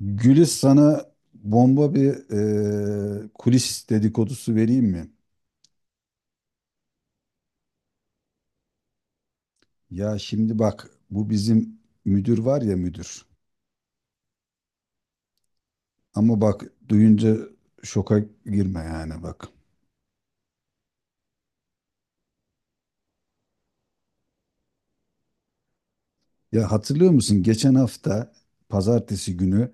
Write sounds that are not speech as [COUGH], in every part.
Gülis sana bomba bir kulis dedikodusu vereyim mi? Ya şimdi bak, bu bizim müdür var ya, müdür. Ama bak, duyunca şoka girme yani, bak. Ya, hatırlıyor musun geçen hafta pazartesi günü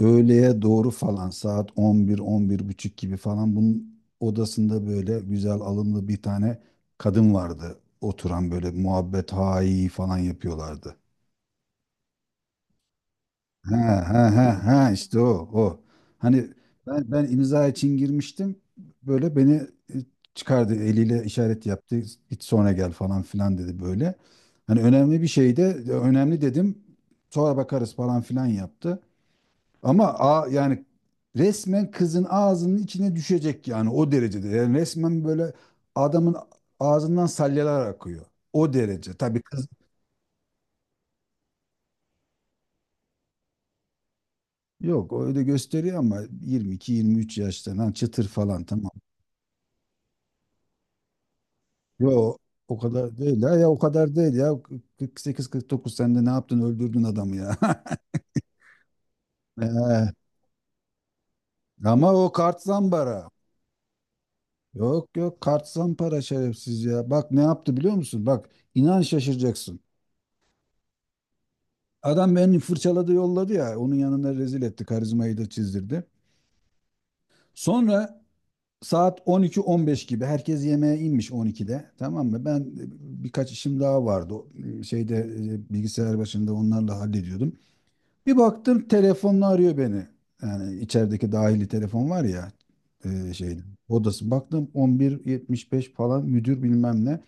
öğleye doğru falan, saat 11, 11 buçuk gibi falan bunun odasında böyle güzel, alımlı bir tane kadın vardı. Oturan böyle muhabbet hayi falan yapıyorlardı. Ha ha ha ha, işte o, o. Hani ben imza için girmiştim. Böyle beni e, çıkardı, eliyle işaret yaptı. Git, sonra gel falan filan dedi böyle. Hani önemli bir şey de, önemli dedim. Sonra bakarız falan filan yaptı. Ama a, yani resmen kızın ağzının içine düşecek yani, o derecede. Yani resmen böyle adamın ağzından salyalar akıyor. O derece. Tabii kız. Yok, öyle gösteriyor ama 22-23 yaşta lan, çıtır falan, tamam. Yo, o kadar değil ya, ya o kadar değil ya, 48-49, sen de ne yaptın, öldürdün adamı ya. [LAUGHS] Ee, ama o kart zambara. Yok yok, kart zampara, şerefsiz ya. Bak ne yaptı biliyor musun? Bak, inan şaşıracaksın. Adam beni fırçaladı, yolladı ya onun yanına, rezil etti, karizmayı da çizdirdi. Sonra saat 12-15 gibi herkes yemeğe inmiş, 12'de, tamam mı? Ben birkaç işim daha vardı. Şeyde Bilgisayar başında onlarla hallediyordum. Bir baktım, telefonla arıyor beni. Yani içerideki dahili telefon var ya, e, şeyde odası. Baktım 11.75 falan, müdür bilmem ne.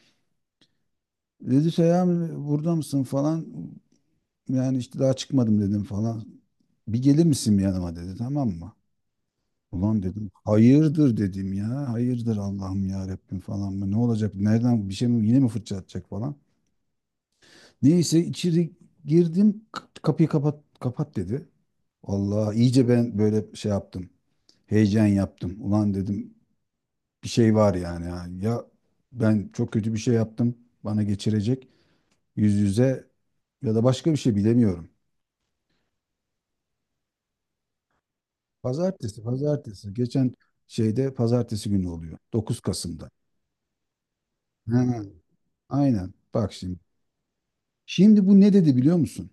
Dedi, Seyhan burada mısın falan. Yani işte, daha çıkmadım dedim falan. Bir gelir misin yanıma dedi, tamam mı? Ulan dedim, hayırdır dedim ya. Hayırdır Allah'ım ya Rabbim falan mı? Ne olacak? Nereden bir şey mi, yine mi fırça atacak falan. Neyse, içeri girdim, kapıyı kapat kapat dedi. Allah iyice ben böyle şey yaptım, heyecan yaptım. Ulan dedim, bir şey var yani. Ya ben çok kötü bir şey yaptım. Bana geçirecek, yüz yüze, ya da başka bir şey, bilemiyorum. Pazartesi, pazartesi. Geçen şeyde pazartesi günü oluyor. 9 Kasım'da. Ha, aynen. Bak şimdi. Şimdi bu ne dedi biliyor musun?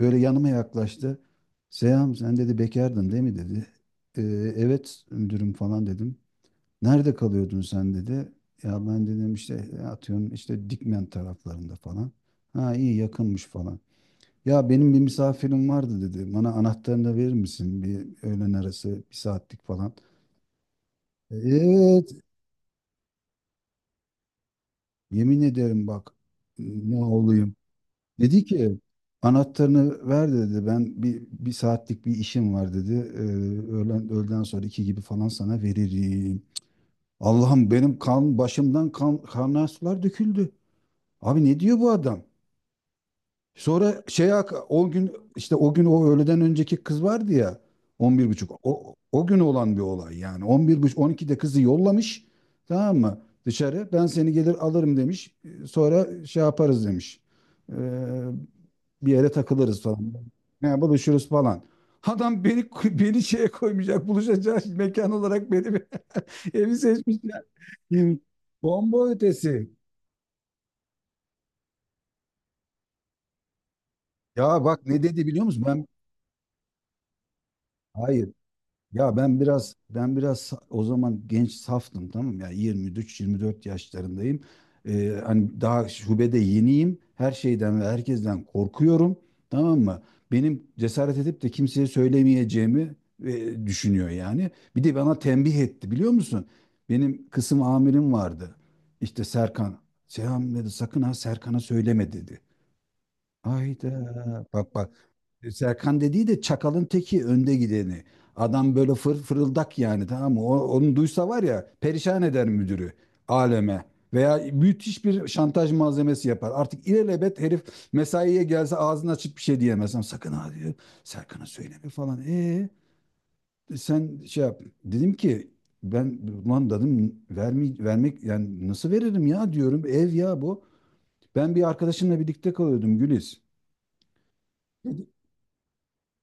Böyle yanıma yaklaştı. Seyhan, sen dedi, bekardın değil mi dedi. "Ee, evet müdürüm" falan dedim. Nerede kalıyordun sen dedi. Ya ben dedim işte, atıyorum işte, Dikmen taraflarında falan. Ha, iyi, yakınmış falan. Ya benim bir misafirim vardı dedi. Bana anahtarını da verir misin? Bir öğlen arası, bir saatlik falan. Evet, yemin ederim bak, ne olayım. Dedi ki, anahtarını ver dedi. Ben bir saatlik bir işim var dedi. Öğleden sonra 2 gibi falan sana veririm. Allah'ım, benim kan başımdan, kan kaynar sular döküldü. Abi, ne diyor bu adam? Sonra şey O gün, işte o gün, o öğleden önceki kız vardı ya, 11 buçuk. O gün olan bir olay yani. 11 buçuk, 12'de kızı yollamış, tamam mı, dışarı. Ben seni gelir alırım demiş. Sonra şey yaparız demiş. Ee, bir yere takılırız falan. Yani buluşuruz falan. Adam beni şeye koymayacak, buluşacak mekan olarak beni [LAUGHS] evi seçmiş ya. Yani bomba ötesi. Ya bak ne dedi biliyor musun? Hayır, ya ben biraz o zaman genç, saftım, tamam mı? Ya 23-24 yaşlarındayım. Hani daha şubede yeniyim. Her şeyden ve herkesten korkuyorum. Tamam mı? Benim cesaret edip de kimseye söylemeyeceğimi düşünüyor yani. Bir de bana tembih etti biliyor musun? Benim kısım amirim vardı. İşte Serkan. Seyhan dedi, sakın ha, Serkan'a söyleme dedi. Ayda bak bak. E, Serkan dediği de çakalın teki, önde gideni. Adam böyle fırıldak yani, tamam mı? Onu duysa var ya, perişan eder müdürü aleme. Veya müthiş bir şantaj malzemesi yapar. Artık ilelebet herif mesaiye gelse ağzını açıp bir şey diyemez. Ama sakın ha diyor, Serkan'a söyleme falan. E, sen şey yap. Dedim ki ben, ulan dedim, vermek yani nasıl veririm ya, diyorum. Ev ya bu. Ben bir arkadaşımla birlikte kalıyordum Güliz.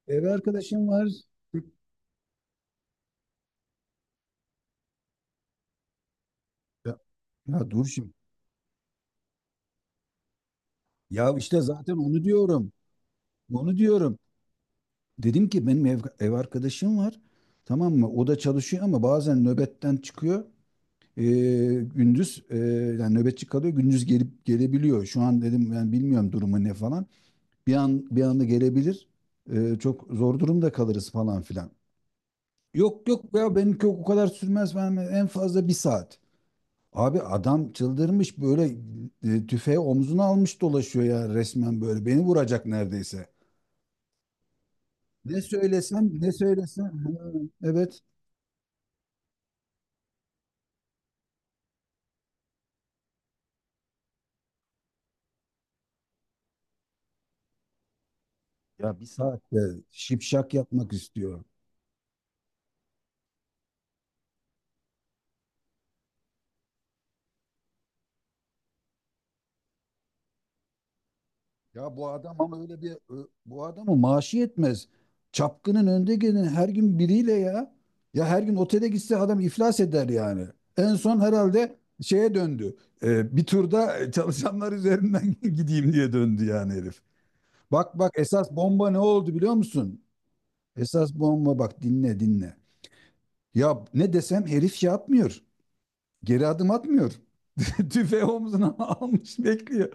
Ev arkadaşım var. Ya, ya dur şimdi. Ya işte zaten onu diyorum. Onu diyorum. Dedim ki, benim ev arkadaşım var. Tamam mı? O da çalışıyor ama bazen nöbetten çıkıyor. Ee, gündüz, yani nöbetçi kalıyor. Gündüz gelip gelebiliyor. Şu an dedim ben bilmiyorum durumu ne falan. Bir anda gelebilir. Çok zor durumda kalırız falan filan. Yok yok ya, benimki o kadar sürmez. Ben en fazla bir saat. Abi adam çıldırmış böyle, tüfeği omzuna almış dolaşıyor ya resmen böyle. Beni vuracak neredeyse. Ne söylesem ha, evet. Ya bir saatte şipşak yapmak istiyor. Ya bu adam ama öyle bir bu adamı maaşı yetmez. Çapkının önde gelen, her gün biriyle ya. Ya her gün otele gitse adam iflas eder yani. En son herhalde şeye döndü. Bir turda çalışanlar üzerinden [LAUGHS] gideyim diye döndü yani herif. Bak bak, esas bomba ne oldu biliyor musun? Esas bomba, bak dinle dinle. Ya ne desem herif şey atmıyor. Geri adım atmıyor. [LAUGHS] Tüfeği omzuna [LAUGHS] almış bekliyor.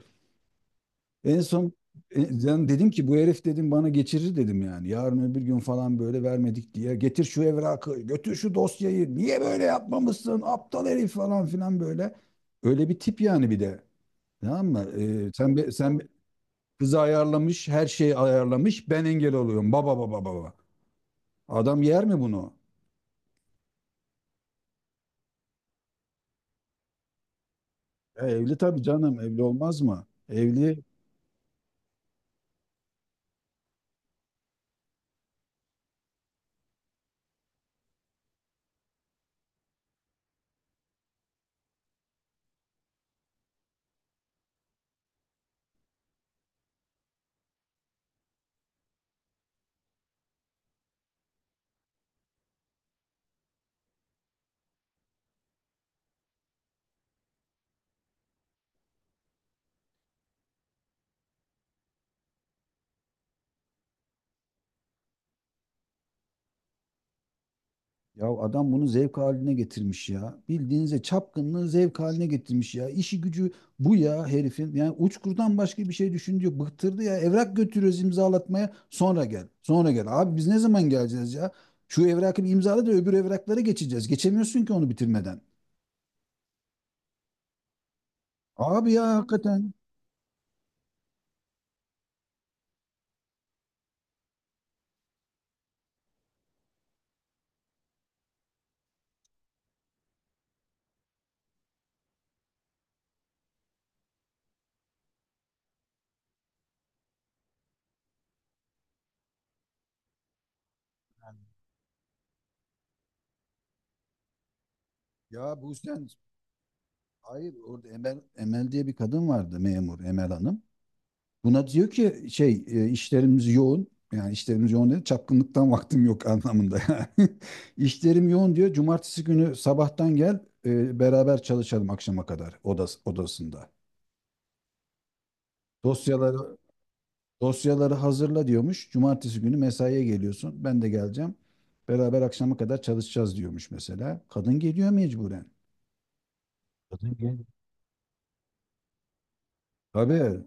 En son e, ben dedim ki, bu herif dedim bana geçirir dedim yani. Yarın öbür gün falan, böyle vermedik diye, getir şu evrakı, götür şu dosyayı, niye böyle yapmamışsın aptal herif falan filan böyle. Öyle bir tip yani bir de. Tamam mı? Kızı ayarlamış, her şeyi ayarlamış. Ben engel oluyorum. Baba baba baba. Adam yer mi bunu? E, evli tabii canım, evli olmaz mı? Evli. Ya, adam bunu zevk haline getirmiş ya. Bildiğinize çapkınlığı zevk haline getirmiş ya. İşi gücü bu ya herifin. Yani uçkurdan başka bir şey düşündü yok. Bıktırdı ya. Evrak götürüyoruz imzalatmaya. Sonra gel. Sonra gel. Abi biz ne zaman geleceğiz ya? Şu evrakı bir imzala da öbür evraklara geçeceğiz. Geçemiyorsun ki onu bitirmeden. Abi ya, hakikaten. Ya bu sen Hayır, orada Emel diye bir kadın vardı, memur, Emel Hanım. Buna diyor ki, işlerimiz yoğun. Yani işlerimiz yoğun dedi. Çapkınlıktan [LAUGHS] vaktim yok anlamında yani. [LAUGHS] İşlerim yoğun diyor. Cumartesi günü sabahtan gel, beraber çalışalım akşama kadar, odasında. Dosyaları Dosyaları hazırla diyormuş. Cumartesi günü mesaiye geliyorsun. Ben de geleceğim. Beraber akşama kadar çalışacağız diyormuş mesela. Kadın geliyor mecburen. Kadın gel. Tabii.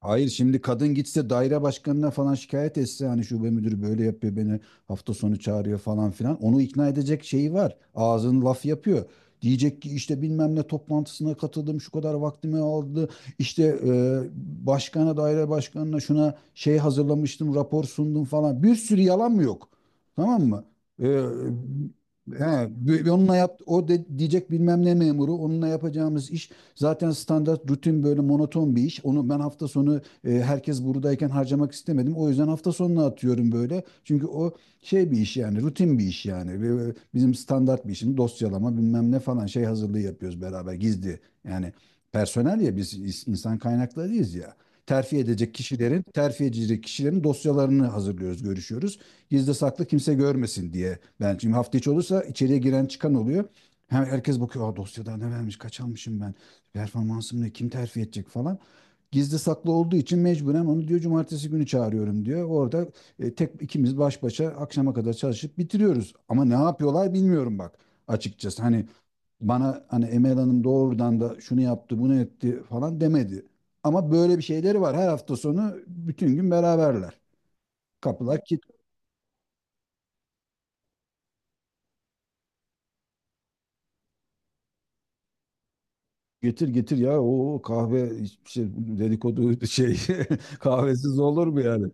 Hayır, şimdi kadın gitse, daire başkanına falan şikayet etse, hani şube müdürü böyle yapıyor, beni hafta sonu çağırıyor falan filan, onu ikna edecek şeyi var. Ağzın laf yapıyor. Diyecek ki, işte bilmem ne toplantısına katıldım, şu kadar vaktimi aldı. İşte başkana, daire başkanına şuna şey hazırlamıştım, rapor sundum falan. Bir sürü yalan mı yok? Tamam mı? E, Onunla yap, diyecek bilmem ne memuru, onunla yapacağımız iş zaten standart, rutin, böyle monoton bir iş. Onu ben hafta sonu, herkes buradayken harcamak istemedim. O yüzden hafta sonuna atıyorum böyle. Çünkü o şey bir iş yani, rutin bir iş yani. Bizim standart bir işimiz, dosyalama bilmem ne falan, şey hazırlığı yapıyoruz beraber, gizli. Yani personel ya, biz insan kaynaklarıyız ya. Terfi edecek kişilerin dosyalarını hazırlıyoruz, görüşüyoruz. Gizli saklı, kimse görmesin diye. Ben şimdi hafta içi olursa içeriye giren çıkan oluyor. Hem herkes bakıyor, aa, dosyada ne vermiş, kaç almışım ben performansımla, kim terfi edecek falan. Gizli saklı olduğu için mecburen onu diyor, cumartesi günü çağırıyorum diyor. Orada tek ikimiz baş başa akşama kadar çalışıp bitiriyoruz. Ama ne yapıyorlar bilmiyorum bak, açıkçası. Hani bana hani Emel Hanım doğrudan da şunu yaptı bunu etti falan demedi. Ama böyle bir şeyleri var. Her hafta sonu bütün gün beraberler. Kapılar git, getir getir ya, o kahve hiçbir şey, dedikodu şey [LAUGHS] kahvesiz olur mu yani?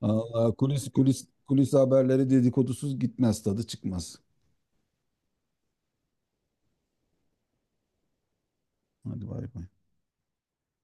Allah, kulis, kulis, kulis haberleri dedikodusuz gitmez, tadı çıkmaz. Hadi bay bay.